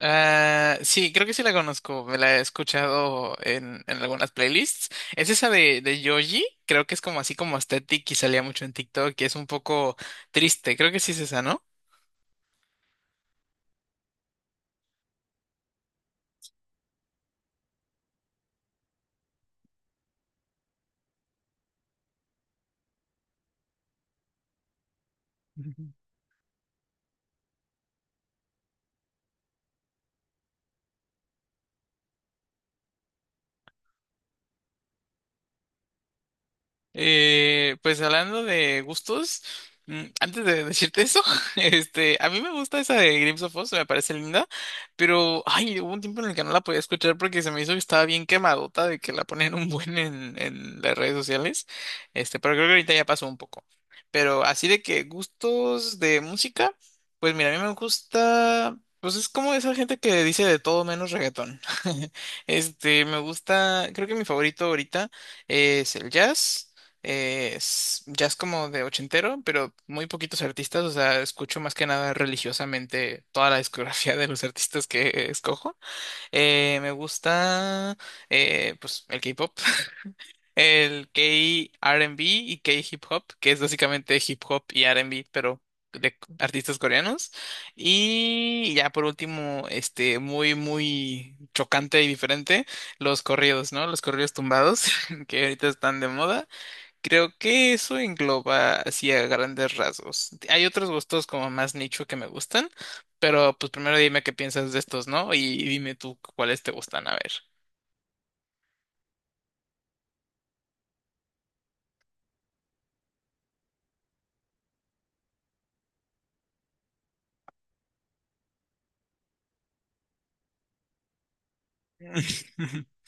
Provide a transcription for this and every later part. Ah, sí, creo que sí la conozco. Me la he escuchado en algunas playlists. Es esa de Yoji. Creo que es como así como aesthetic y salía mucho en TikTok y es un poco triste. Creo que sí es esa, ¿no? Pues hablando de gustos, antes de decirte eso, a mí me gusta esa de Grips of Oz, me parece linda, pero ay, hubo un tiempo en el que no la podía escuchar porque se me hizo que estaba bien quemadota de que la ponían un buen en las redes sociales, pero creo que ahorita ya pasó un poco. Pero así de que gustos de música, pues mira, a mí me gusta, pues es como esa gente que dice de todo menos reggaetón. Me gusta, creo que mi favorito ahorita es el jazz. Es jazz como de ochentero, pero muy poquitos artistas, o sea, escucho más que nada religiosamente toda la discografía de los artistas que escojo. Me gusta, pues, el K-pop, el K-R&B y K-hip hop, que es básicamente hip hop y R&B, pero de artistas coreanos. Y ya por último, muy, muy chocante y diferente, los corridos, ¿no? Los corridos tumbados, que ahorita están de moda. Creo que eso engloba así a grandes rasgos. Hay otros gustos como más nicho que me gustan, pero pues primero dime qué piensas de estos, ¿no? Y dime tú cuáles te gustan, a ver.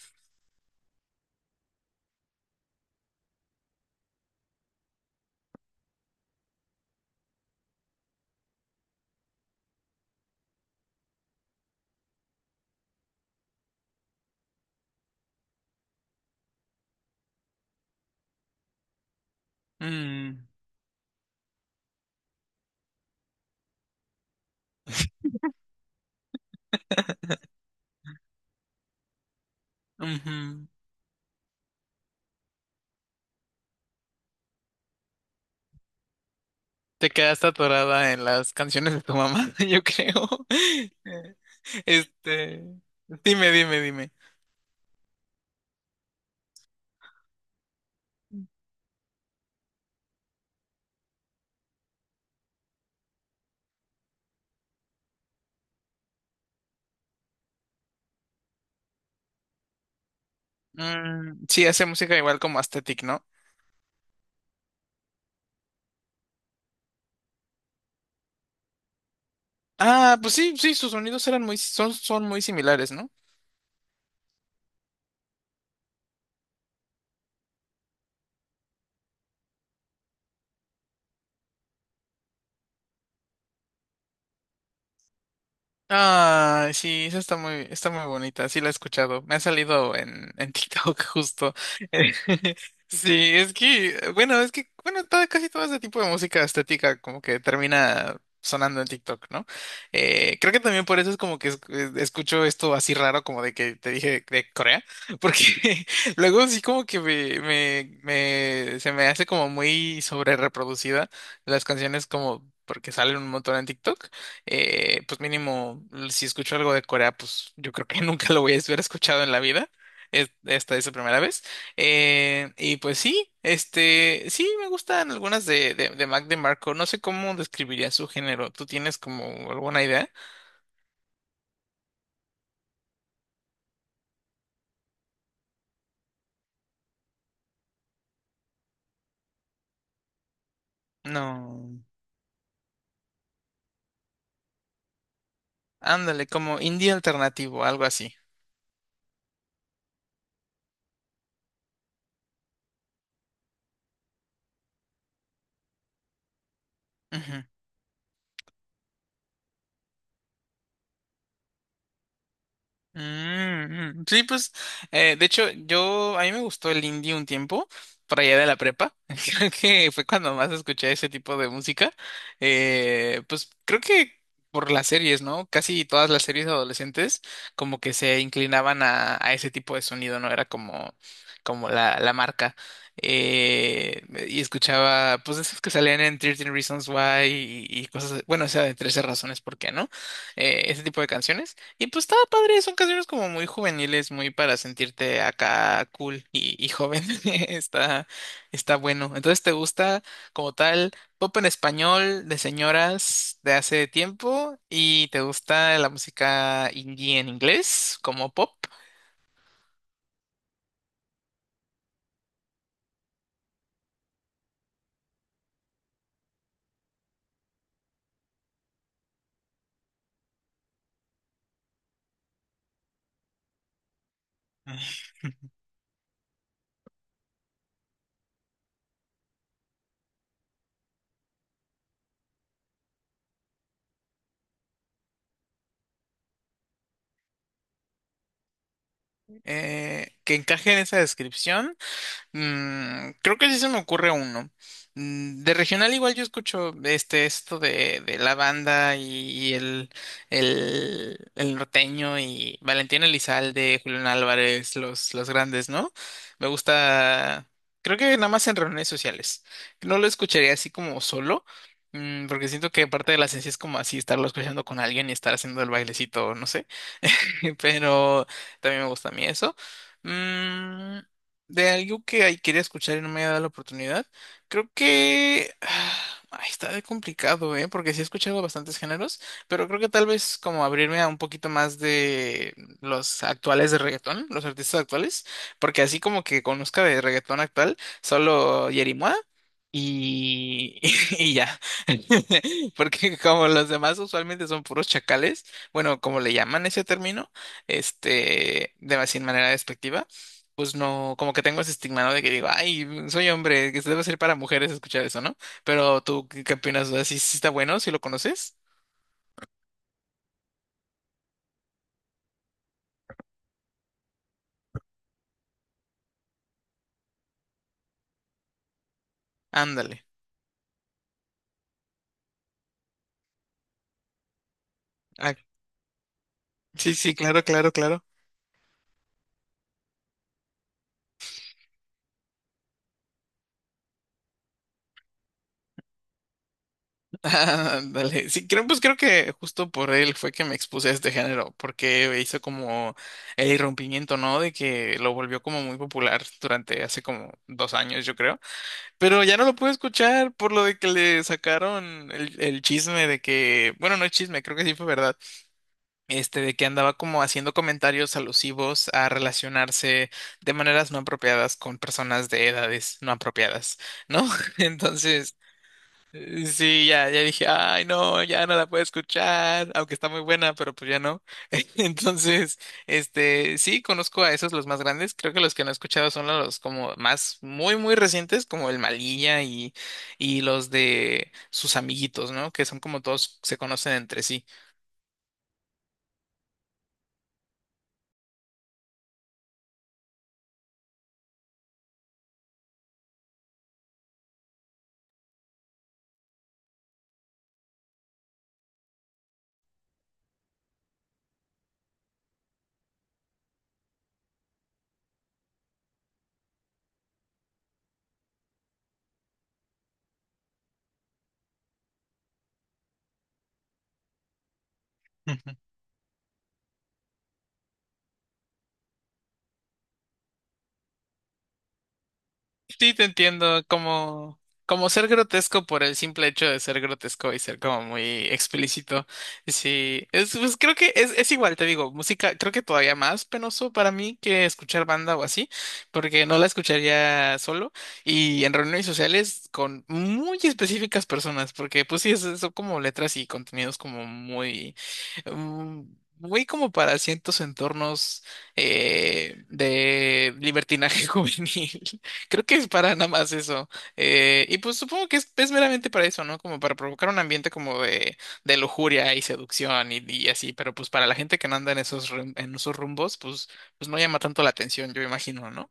Mm, ujú. Te quedaste atorada en las canciones de tu mamá, yo creo. Este, dime, dime, dime. Mm, sí, hace música igual como Aesthetic, ¿no? Ah, pues sí, sí, sus sonidos eran muy, son, son muy similares, ¿no? Ah, sí, esa está muy bonita, sí la he escuchado. Me ha salido en TikTok justo. Eh, Sí, es que, bueno, todo- casi todo ese tipo de música estética como que termina sonando en TikTok, ¿no? Creo que también por eso es como que es- escucho esto así raro como de que te dije de Corea, porque luego sí como que se me hace como muy sobre reproducida las canciones como porque salen un montón en TikTok. Pues mínimo, si escucho algo de Corea, pues yo creo que nunca lo voy a haber escuchado en la vida. Es- Esta es la primera vez. Y pues sí, sí me gustan algunas de Mac DeMarco. No sé cómo describiría su género. ¿Tú tienes como alguna idea? No. Ándale, como indie alternativo, algo así. Mm, mm. Sí, pues, de hecho, yo, a mí me gustó el indie un tiempo, por allá de la prepa. Creo que fue cuando más escuché ese tipo de música. Pues creo que por las series, ¿no? Casi todas las series adolescentes como que se inclinaban a ese tipo de sonido, ¿no? Era como, como la marca. Eh, y escuchaba, pues, esos que salían en 13 Reasons Why y cosas, bueno, o sea, de 13 razones por qué, ¿no? Ese tipo de canciones. Y pues estaba padre, son canciones como muy juveniles, muy para sentirte acá cool y joven. Está, está bueno. Entonces, ¿te gusta como tal pop en español de señoras de hace tiempo? ¿Y te gusta la música indie en inglés como pop? Que encaje en esa descripción. Mm, creo que sí se me ocurre uno. Mm, de regional igual yo escucho este esto de la banda y, y el norteño y Valentín Elizalde, Julián Álvarez, los grandes, ¿no? Me gusta, creo que nada más en reuniones sociales. No lo escucharía así como solo, mm, porque siento que parte de la esencia es como así estarlo escuchando con alguien y estar haciendo el bailecito, no sé. Pero también me gusta a mí eso. Mm, de algo que ahí quería escuchar y no me había dado la oportunidad. Creo que ah, está de complicado, ¿eh? Porque sí he escuchado bastantes géneros, pero creo que tal vez como abrirme a un poquito más de los actuales de reggaetón, los artistas actuales, porque así como que conozca de reggaetón actual, solo Yerimoa y, y ya. Porque como los demás usualmente son puros chacales, bueno, como le llaman ese término, de sin manera despectiva pues no, como que tengo ese estigma, ¿no? De que digo, ay, soy hombre, que se debe ser para mujeres escuchar eso, ¿no? Pero tú, ¿qué, qué opinas? O sea, ¿sí, sí está bueno? ¿Si lo conoces? Ándale. Ah, sí, sí, claro, claro, claro. Ándale. Sí, creo, pues creo que justo por él fue que me expuse a este género, porque hizo como el irrumpimiento, ¿no? De que lo volvió como muy popular durante hace como 2 años, yo creo. Pero ya no lo pude escuchar por lo de que le sacaron el chisme de que, bueno, no es chisme, creo que sí fue verdad. De que andaba como haciendo comentarios alusivos a relacionarse de maneras no apropiadas con personas de edades no apropiadas, ¿no? Entonces, sí, ya dije, ay, no, ya no la puedo escuchar, aunque está muy buena, pero pues ya no. Entonces, sí, conozco a esos los más grandes, creo que los que no he escuchado son los como más muy, muy recientes, como el Malilla y los de sus amiguitos, ¿no? Que son como todos se conocen entre sí. Sí, te entiendo, como, como ser grotesco por el simple hecho de ser grotesco y ser como muy explícito. Sí, es, pues creo que es igual, te digo, música, creo que todavía más penoso para mí que escuchar banda o así, porque no la escucharía solo y en reuniones sociales con muy específicas personas, porque pues sí, es- son como letras y contenidos como muy, mm, muy como para ciertos entornos. De libertinaje juvenil. Creo que es para nada más eso. Y pues supongo que es meramente para eso, ¿no? Como para provocar un ambiente como de lujuria y seducción y así. Pero pues para la gente que no anda en esos, rum- en esos rumbos, pues, pues no llama tanto la atención, yo imagino, ¿no?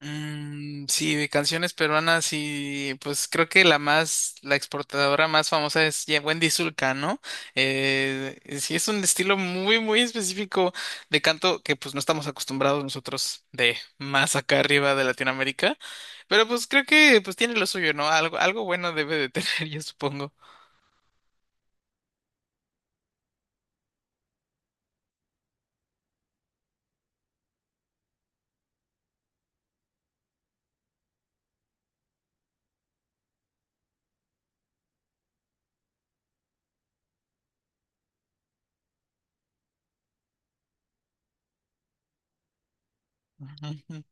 Mm, sí, de canciones peruanas y pues creo que la más, la exportadora más famosa es ya Wendy Zulka, ¿no? Sí, es un estilo muy, muy específico de canto que pues no estamos acostumbrados nosotros de más acá arriba de Latinoamérica, pero pues creo que pues tiene lo suyo, ¿no? Algo, algo bueno debe de tener, yo supongo. Ujú.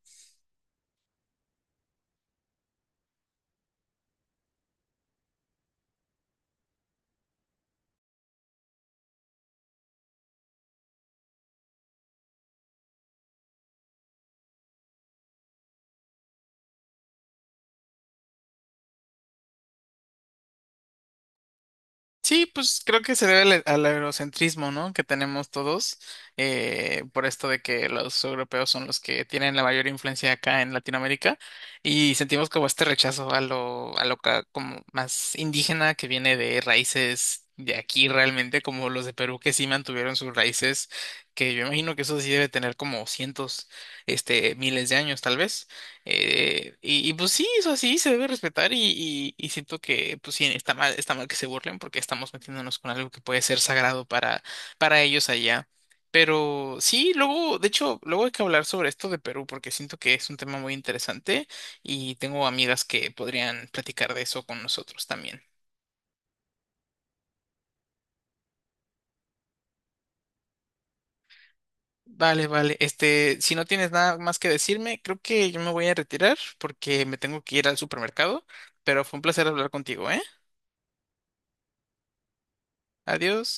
Sí, pues creo que se debe al eurocentrismo, ¿no? Que tenemos todos, por esto de que los europeos son los que tienen la mayor influencia acá en Latinoamérica y sentimos como este rechazo a lo ca- como más indígena que viene de raíces de aquí realmente, como los de Perú que sí mantuvieron sus raíces, que yo imagino que eso sí debe tener como cientos, miles de años tal vez. Pues sí, eso sí se debe respetar y siento que pues sí está mal que se burlen porque estamos metiéndonos con algo que puede ser sagrado para ellos allá. Pero sí, luego, de hecho, luego hay que hablar sobre esto de Perú porque siento que es un tema muy interesante y tengo amigas que podrían platicar de eso con nosotros también. Vale, vale. Si no tienes nada más que decirme, creo que yo me voy a retirar porque me tengo que ir al supermercado, pero fue un placer hablar contigo, ¿eh? Adiós.